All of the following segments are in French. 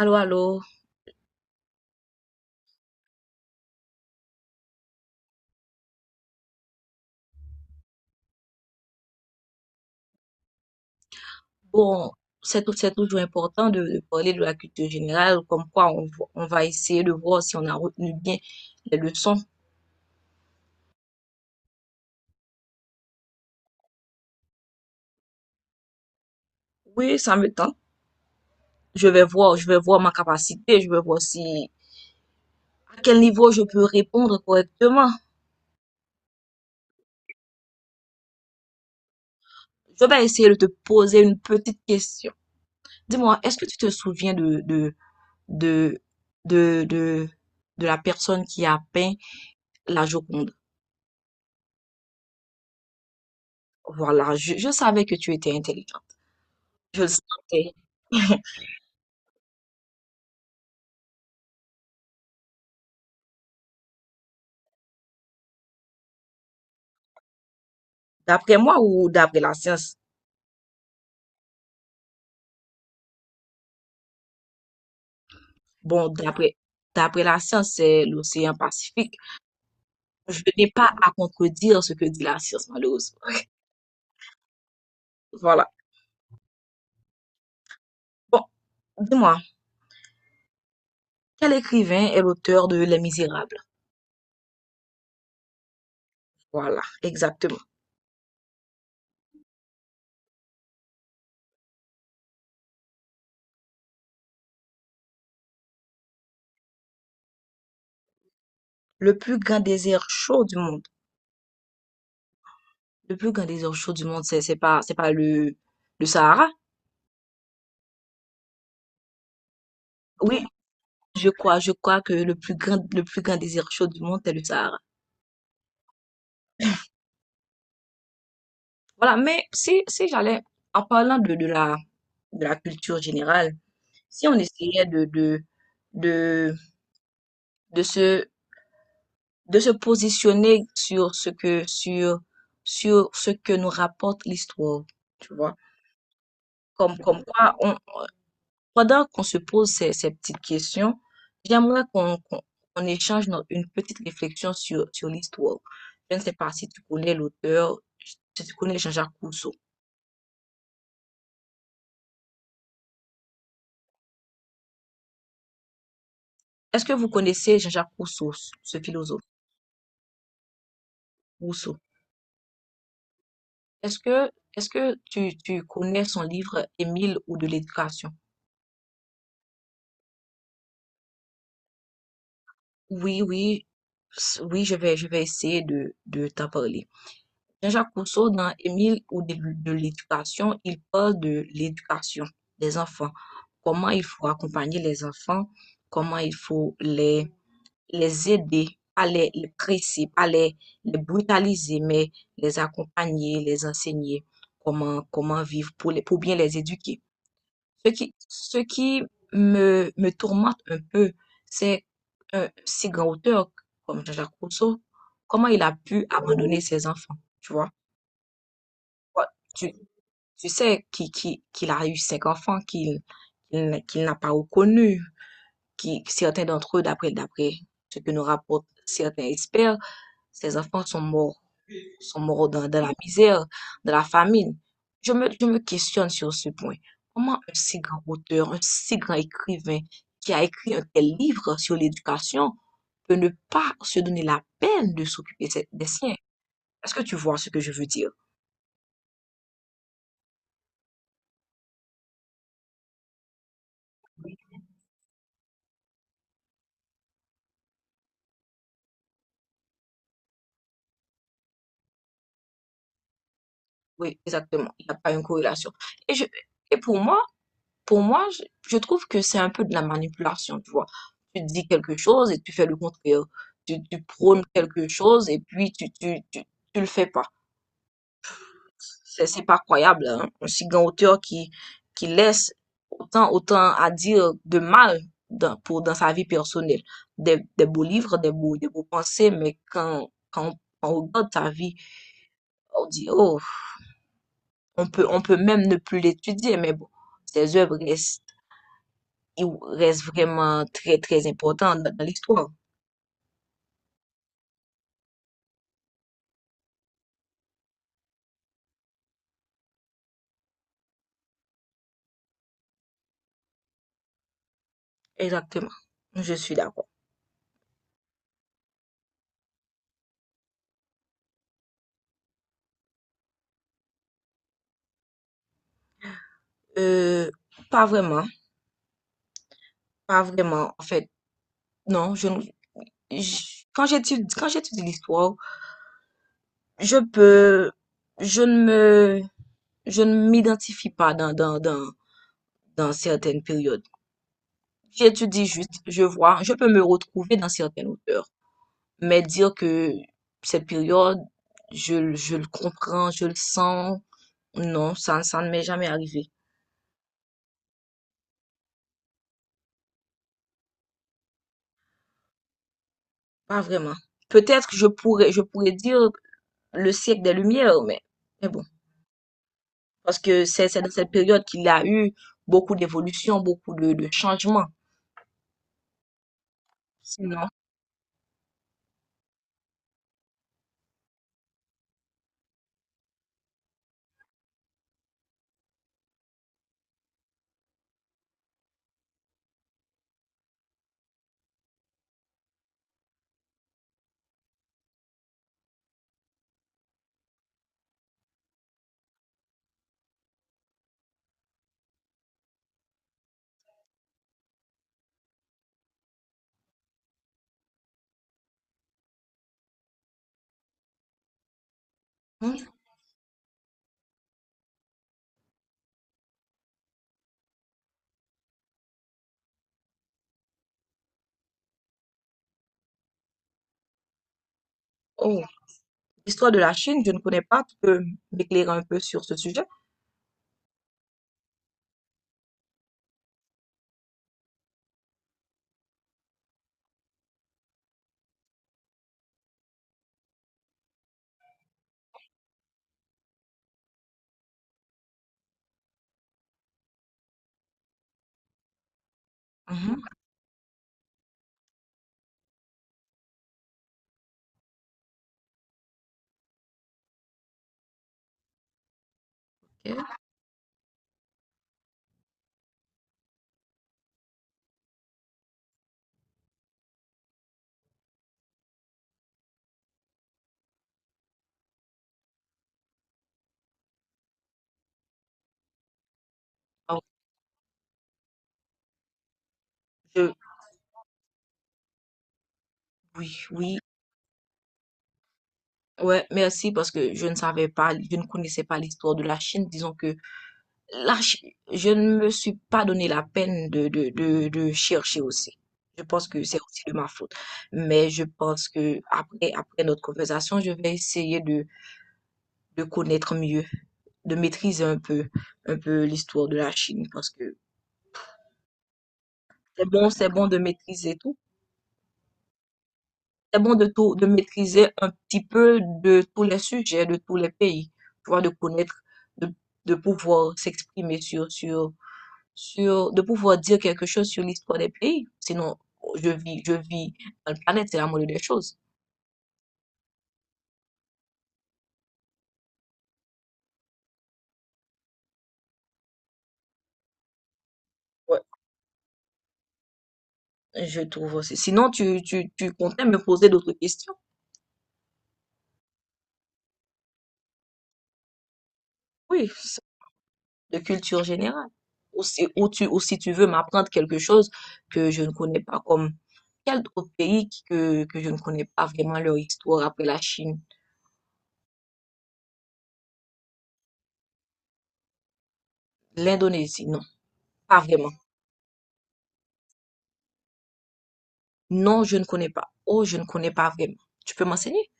Allô, allô. Bon, c'est toujours important de parler de la culture générale, comme quoi on va essayer de voir si on a retenu bien les leçons. Oui, ça me tente. Je vais voir ma capacité. Je vais voir si à quel niveau je peux répondre correctement. Je vais essayer de te poser une petite question. Dis-moi, est-ce que tu te souviens de, de, de, de la personne qui a peint la Joconde? Voilà, je savais que tu étais intelligent. Je le sentais. D'après moi ou d'après la science? Bon, d'après la science, c'est l'océan Pacifique. Je n'ai pas à contredire ce que dit la science, malheureusement. Voilà. Bon, dis-moi, quel écrivain est l'auteur de Les Misérables? Voilà, exactement. Le plus grand désert chaud du monde. Le plus grand désert chaud du monde, c'est pas le Sahara? Oui, je crois que le plus grand désert chaud du monde, c'est le Sahara. Voilà, mais si j'allais en parlant de la culture générale. Si on essayait de, de se, de se positionner sur ce que nous rapporte l'histoire, tu vois. Comme quoi, pendant qu'on se pose ces petites questions, j'aimerais qu'on échange une petite réflexion sur l'histoire. Je ne sais pas si tu connais l'auteur, si tu connais Jean-Jacques Rousseau. Est-ce que vous connaissez Jean-Jacques Rousseau, ce philosophe Rousseau? Est-ce que, est-ce que tu connais son livre Émile ou de l'éducation? Oui, oui, oui, je vais essayer de t'en parler. Jean-Jacques Rousseau, dans Émile au début de l'éducation, il parle de l'éducation des enfants. Comment il faut accompagner les enfants, comment il faut les aider, pas les presser, pas les brutaliser, mais les accompagner, les enseigner comment vivre pour bien les éduquer. Ce qui me tourmente un peu, c'est un si grand auteur comme Jean-Jacques Rousseau, comment il a pu abandonner ses enfants, tu vois? Ouais. Tu, tu sais qu'il a eu cinq enfants qu'il n'a pas reconnus, qui certains d'entre eux, d'après ce que nous rapportent certains experts, ses enfants sont morts dans la misère, dans la famine. Je me questionne sur ce point. Comment un si grand auteur, un si grand écrivain qui a écrit un tel livre sur l'éducation peut ne pas se donner la peine de s'occuper de des siens? Est-ce que tu vois ce que je veux dire? Oui, exactement. Il n'y a pas une corrélation. Et, je, et pour moi, je trouve que c'est un peu de la manipulation, tu vois. Tu dis quelque chose et tu fais le contraire. Tu prônes quelque chose et puis tu le fais pas. C'est pas croyable, hein. Un si grand auteur qui laisse autant à dire de mal dans sa vie personnelle. Des beaux livres, des beaux pensées, mais quand on regarde sa vie, on dit, oh, on peut même ne plus l'étudier, mais bon, ses œuvres restent, ils restent vraiment très, très importantes dans l'histoire. Exactement. Je suis d'accord. Euh, Pas vraiment, pas vraiment. En fait, non, je, ne- je- quand j'étudie l'histoire, Je peux, je ne me, je ne m'identifie pas dans certaines périodes. J'étudie juste, je vois, je peux me retrouver dans certaines auteurs. Mais dire que cette période, je le comprends, je le sens, non, ça ne m'est jamais arrivé. Pas vraiment. Peut-être que je pourrais dire le siècle des Lumières, mais bon. Parce que c'est dans cette période qu'il y a eu beaucoup d'évolution, beaucoup de changements. Sinon, hmm, oh. l'histoire de la Chine, je ne connais pas. Tu peux m'éclairer un peu sur ce sujet? Mhm. Ok. Ah, je- oui, oui, ouais, merci parce que je ne savais pas, je ne connaissais pas l'histoire de la Chine. Disons que là, je ne me suis pas donné la peine de chercher aussi. Je pense que c'est aussi de ma faute. Mais je pense que après notre conversation, je vais essayer de connaître mieux, de maîtriser un peu l'histoire de la Chine. Parce que c'est bon de maîtriser tout. C'est bon de tout, de maîtriser un petit peu de tous les sujets, de tous les pays. Tu vois, de connaître, de, de pouvoir s'exprimer de pouvoir dire quelque chose sur l'histoire des pays. Sinon, je vis dans le planète, c'est la moindre des choses. Ouais, je trouve aussi. Sinon, tu comptais me poser d'autres questions. Oui, ça, de culture générale. Ou si tu veux m'apprendre quelque chose que je ne connais pas, comme quel autre pays que je ne connais pas vraiment leur histoire après la Chine, l'Indonésie, non, pas vraiment. Non, je ne connais pas. Oh, je ne connais pas vraiment. Tu peux m'enseigner?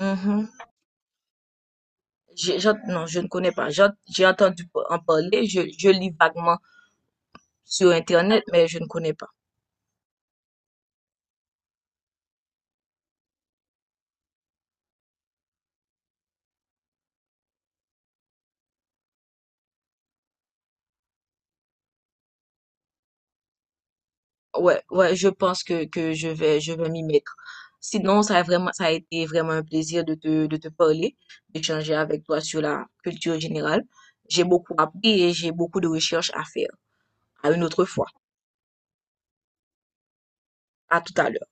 Mhm. Non, je ne connais pas. J'ai entendu en parler, je lis vaguement sur Internet, mais je ne connais pas. Ouais, ouais, je pense que je vais m'y mettre. Sinon, ça a été vraiment un plaisir de te parler, d'échanger avec toi sur la culture générale. J'ai beaucoup appris et j'ai beaucoup de recherches à faire. À une autre fois. À tout à l'heure.